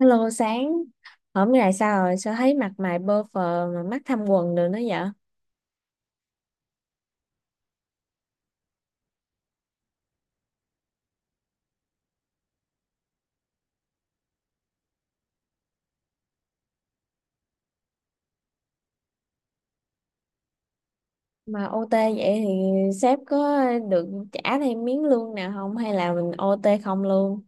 Hello, sáng hôm nay sao rồi? Sao thấy mặt mày bơ phờ mà mắt thâm quầng được nữa vậy? Mà OT vậy thì sếp có được trả thêm miếng lương nào không, hay là mình OT không luôn?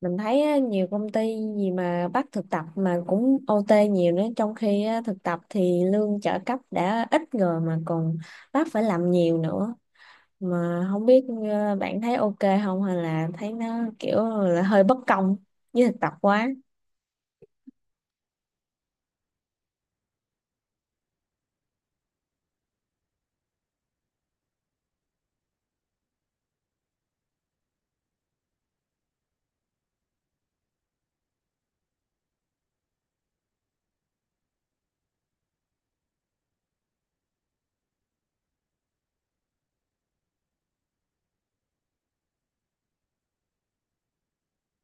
Mình thấy á, nhiều công ty gì mà bắt thực tập mà cũng OT nhiều nữa, trong khi á, thực tập thì lương trợ cấp đã ít rồi mà còn bắt phải làm nhiều nữa, mà không biết bạn thấy ok không, hay là thấy nó kiểu là hơi bất công với thực tập quá.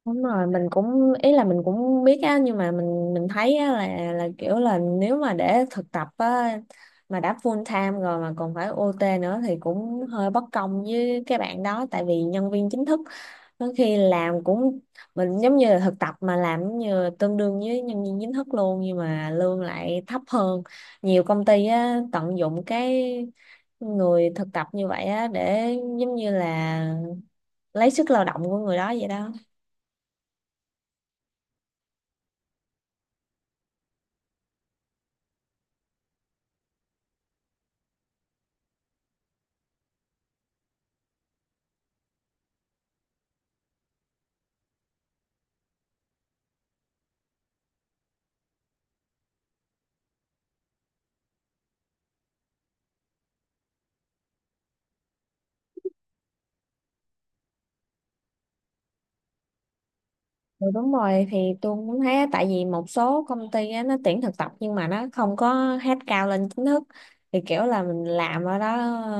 Đúng rồi, mình cũng ý là mình cũng biết á, nhưng mà mình thấy á, là kiểu là nếu mà để thực tập á mà đã full time rồi mà còn phải OT nữa thì cũng hơi bất công với các bạn đó, tại vì nhân viên chính thức đôi khi làm cũng mình giống như là thực tập mà làm giống như tương đương với nhân viên chính thức luôn nhưng mà lương lại thấp hơn. Nhiều công ty á tận dụng cái người thực tập như vậy á để giống như là lấy sức lao động của người đó vậy đó. Ừ, đúng rồi, thì tôi cũng thấy á, tại vì một số công ty á, nó tuyển thực tập nhưng mà nó không có hết cao lên chính thức, thì kiểu là mình làm ở đó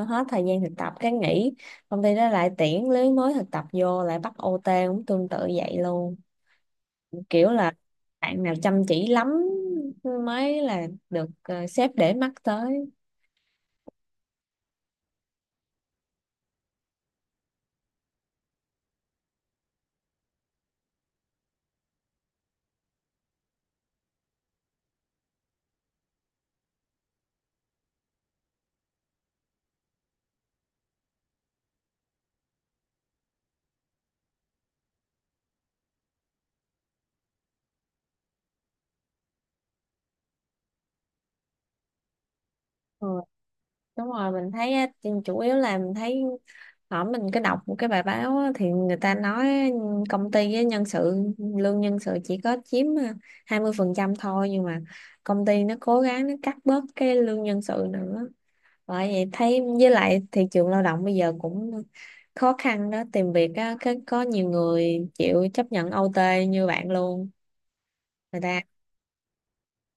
hết thời gian thực tập cái nghỉ, công ty đó lại tuyển lứa mới thực tập vô lại bắt OT cũng tương tự vậy luôn. Kiểu là bạn nào chăm chỉ lắm mới là được sếp để mắt tới. Ừ, đúng rồi, mình thấy á, chủ yếu là mình thấy ở mình cứ đọc một cái bài báo á, thì người ta nói công ty với nhân sự, lương nhân sự chỉ có chiếm 20% thôi, nhưng mà công ty nó cố gắng nó cắt bớt cái lương nhân sự nữa. Bởi vậy thấy với lại thị trường lao động bây giờ cũng khó khăn đó, tìm việc á cái có nhiều người chịu chấp nhận OT như bạn luôn. Người ta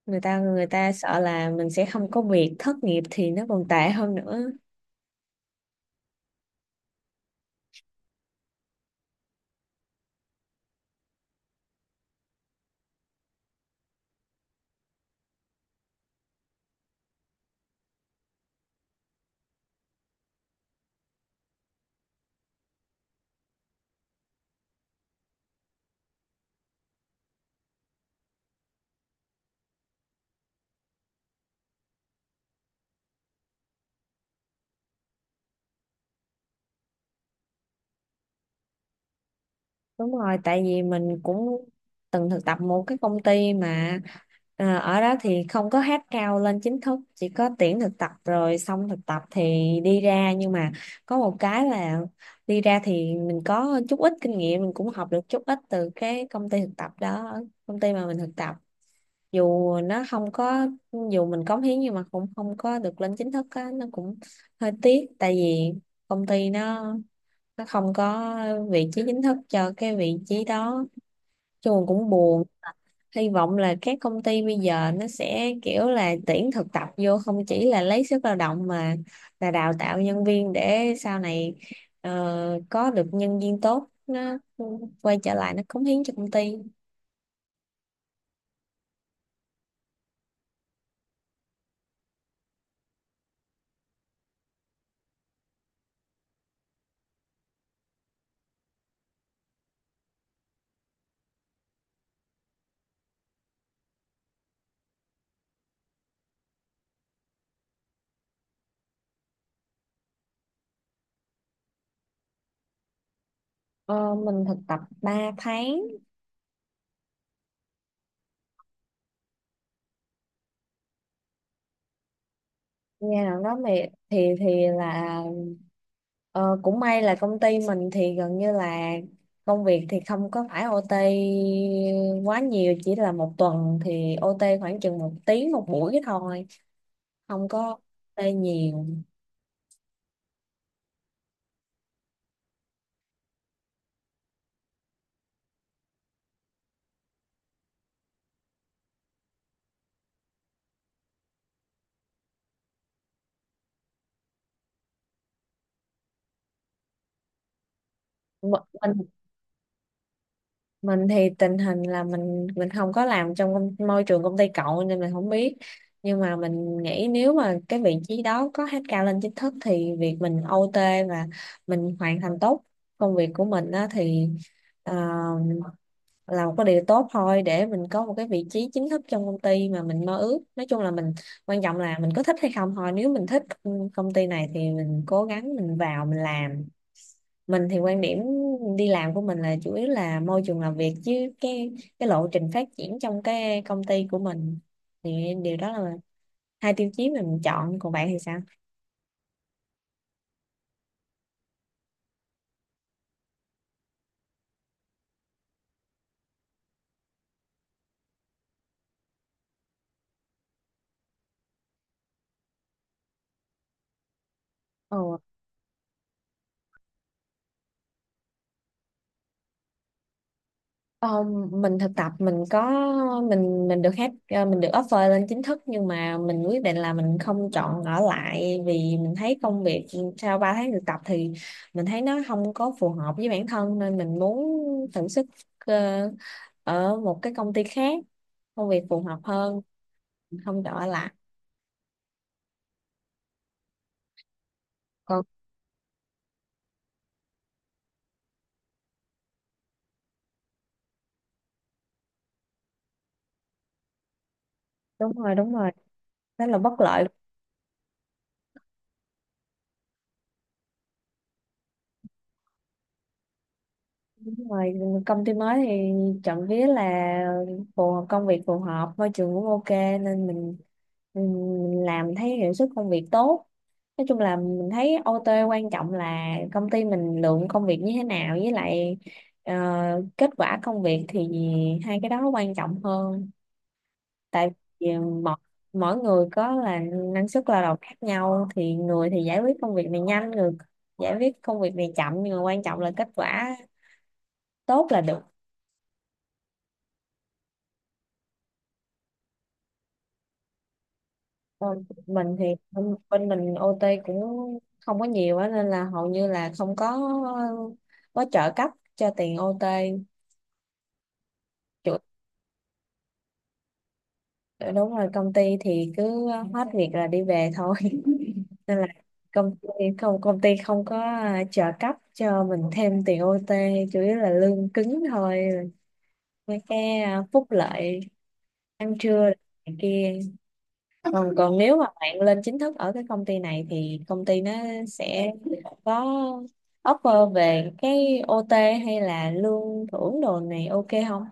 Người ta sợ là mình sẽ không có việc, thất nghiệp thì nó còn tệ hơn nữa. Đúng rồi, tại vì mình cũng từng thực tập một cái công ty mà à, ở đó thì không có hát cao lên chính thức, chỉ có tuyển thực tập rồi xong thực tập thì đi ra, nhưng mà có một cái là đi ra thì mình có chút ít kinh nghiệm, mình cũng học được chút ít từ cái công ty thực tập đó, công ty mà mình thực tập. Dù nó không có, dù mình cống hiến nhưng mà cũng không có được lên chính thức á, nó cũng hơi tiếc tại vì công ty nó không có vị trí chính thức cho cái vị trí đó, chung cũng buồn. Hy vọng là các công ty bây giờ nó sẽ kiểu là tuyển thực tập vô không chỉ là lấy sức lao động, mà là đào tạo nhân viên để sau này có được nhân viên tốt nó quay trở lại nó cống hiến cho công ty. Ờ, mình thực tập 3 tháng. Nghe nào đó thì là ờ, cũng may là công ty mình thì gần như là công việc thì không có phải OT quá nhiều, chỉ là một tuần thì OT khoảng chừng một tiếng một buổi thôi, không có OT nhiều. M- mình mình thì tình hình là mình không có làm trong môi trường công ty cậu nên mình không biết, nhưng mà mình nghĩ nếu mà cái vị trí đó có hát cao lên chính thức thì việc mình OT và mình hoàn thành tốt công việc của mình á, thì ờ, làm một cái điều tốt thôi để mình có một cái vị trí chính thức trong công ty mà mình mơ ước. Nói chung là mình, quan trọng là mình có thích hay không thôi, nếu mình thích ừ, công ty này thì mình cố gắng mình vào mình làm. Mình thì quan điểm đi làm của mình là chủ yếu là môi trường làm việc chứ cái cái lộ trình phát triển trong cái công ty của mình, thì điều đó là hai tiêu chí mà mình chọn, còn bạn thì sao? Ồ, ờ, mình thực tập mình có, mình được hết, ờ, mình được offer lên chính thức, nhưng mà mình quyết định là mình không chọn ở lại vì mình thấy công việc sau 3 tháng thực tập thì mình thấy nó không có phù hợp với bản thân, nên mình muốn thử sức ờ, ở một cái công ty khác công việc phù hợp hơn, không chọn ở lại. Còn đúng rồi, đúng rồi, đó là bất lợi. Đúng rồi, công ty mới thì trộm vía là phù hợp, công việc phù hợp, môi trường cũng ok nên mình, mình làm thấy hiệu suất công việc tốt. Nói chung là mình thấy OT quan trọng là công ty mình lượng công việc như thế nào, với lại ờ, kết quả công việc, thì hai cái đó quan trọng hơn. Tại vì mỗi, mỗi người có là năng suất lao động khác nhau, thì người thì giải quyết công việc này nhanh, người giải quyết công việc này chậm, nhưng mà quan trọng là kết quả tốt là được. Ờ, mình thì bên bên mình OT cũng không có nhiều á, nên là hầu như là không có trợ cấp cho tiền OT. Chủ, đúng rồi, công ty thì cứ hết việc là đi về thôi nên là công ty, không công ty không có trợ cấp cho mình thêm tiền OT, chủ yếu là lương cứng thôi, mấy cái phúc lợi ăn trưa này kia. Ừ, còn nếu mà bạn lên chính thức ở cái công ty này thì công ty nó sẽ có offer về cái OT hay là lương thưởng đồ này ok không?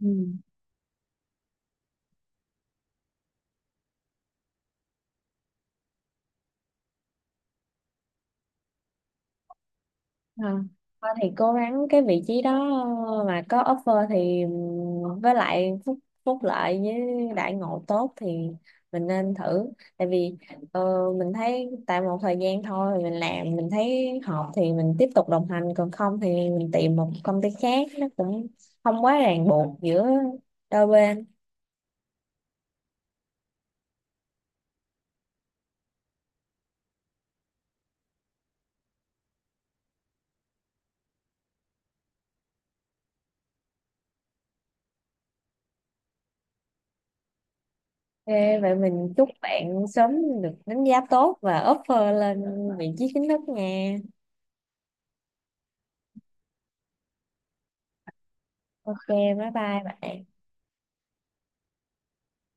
Ừ. À, thôi thì cố gắng cái vị trí đó mà có offer thì, với lại phúc phúc lợi với đãi ngộ tốt thì mình nên thử, tại vì ờ, mình thấy tại một thời gian thôi mình làm mình thấy hợp thì mình tiếp tục đồng hành, còn không thì mình tìm một công ty khác, nó cũng không quá ràng buộc giữa đôi bên. Ok, vậy mình chúc bạn sớm được đánh giá tốt và offer lên vị trí chính thức nha. Ok, bye bye bạn.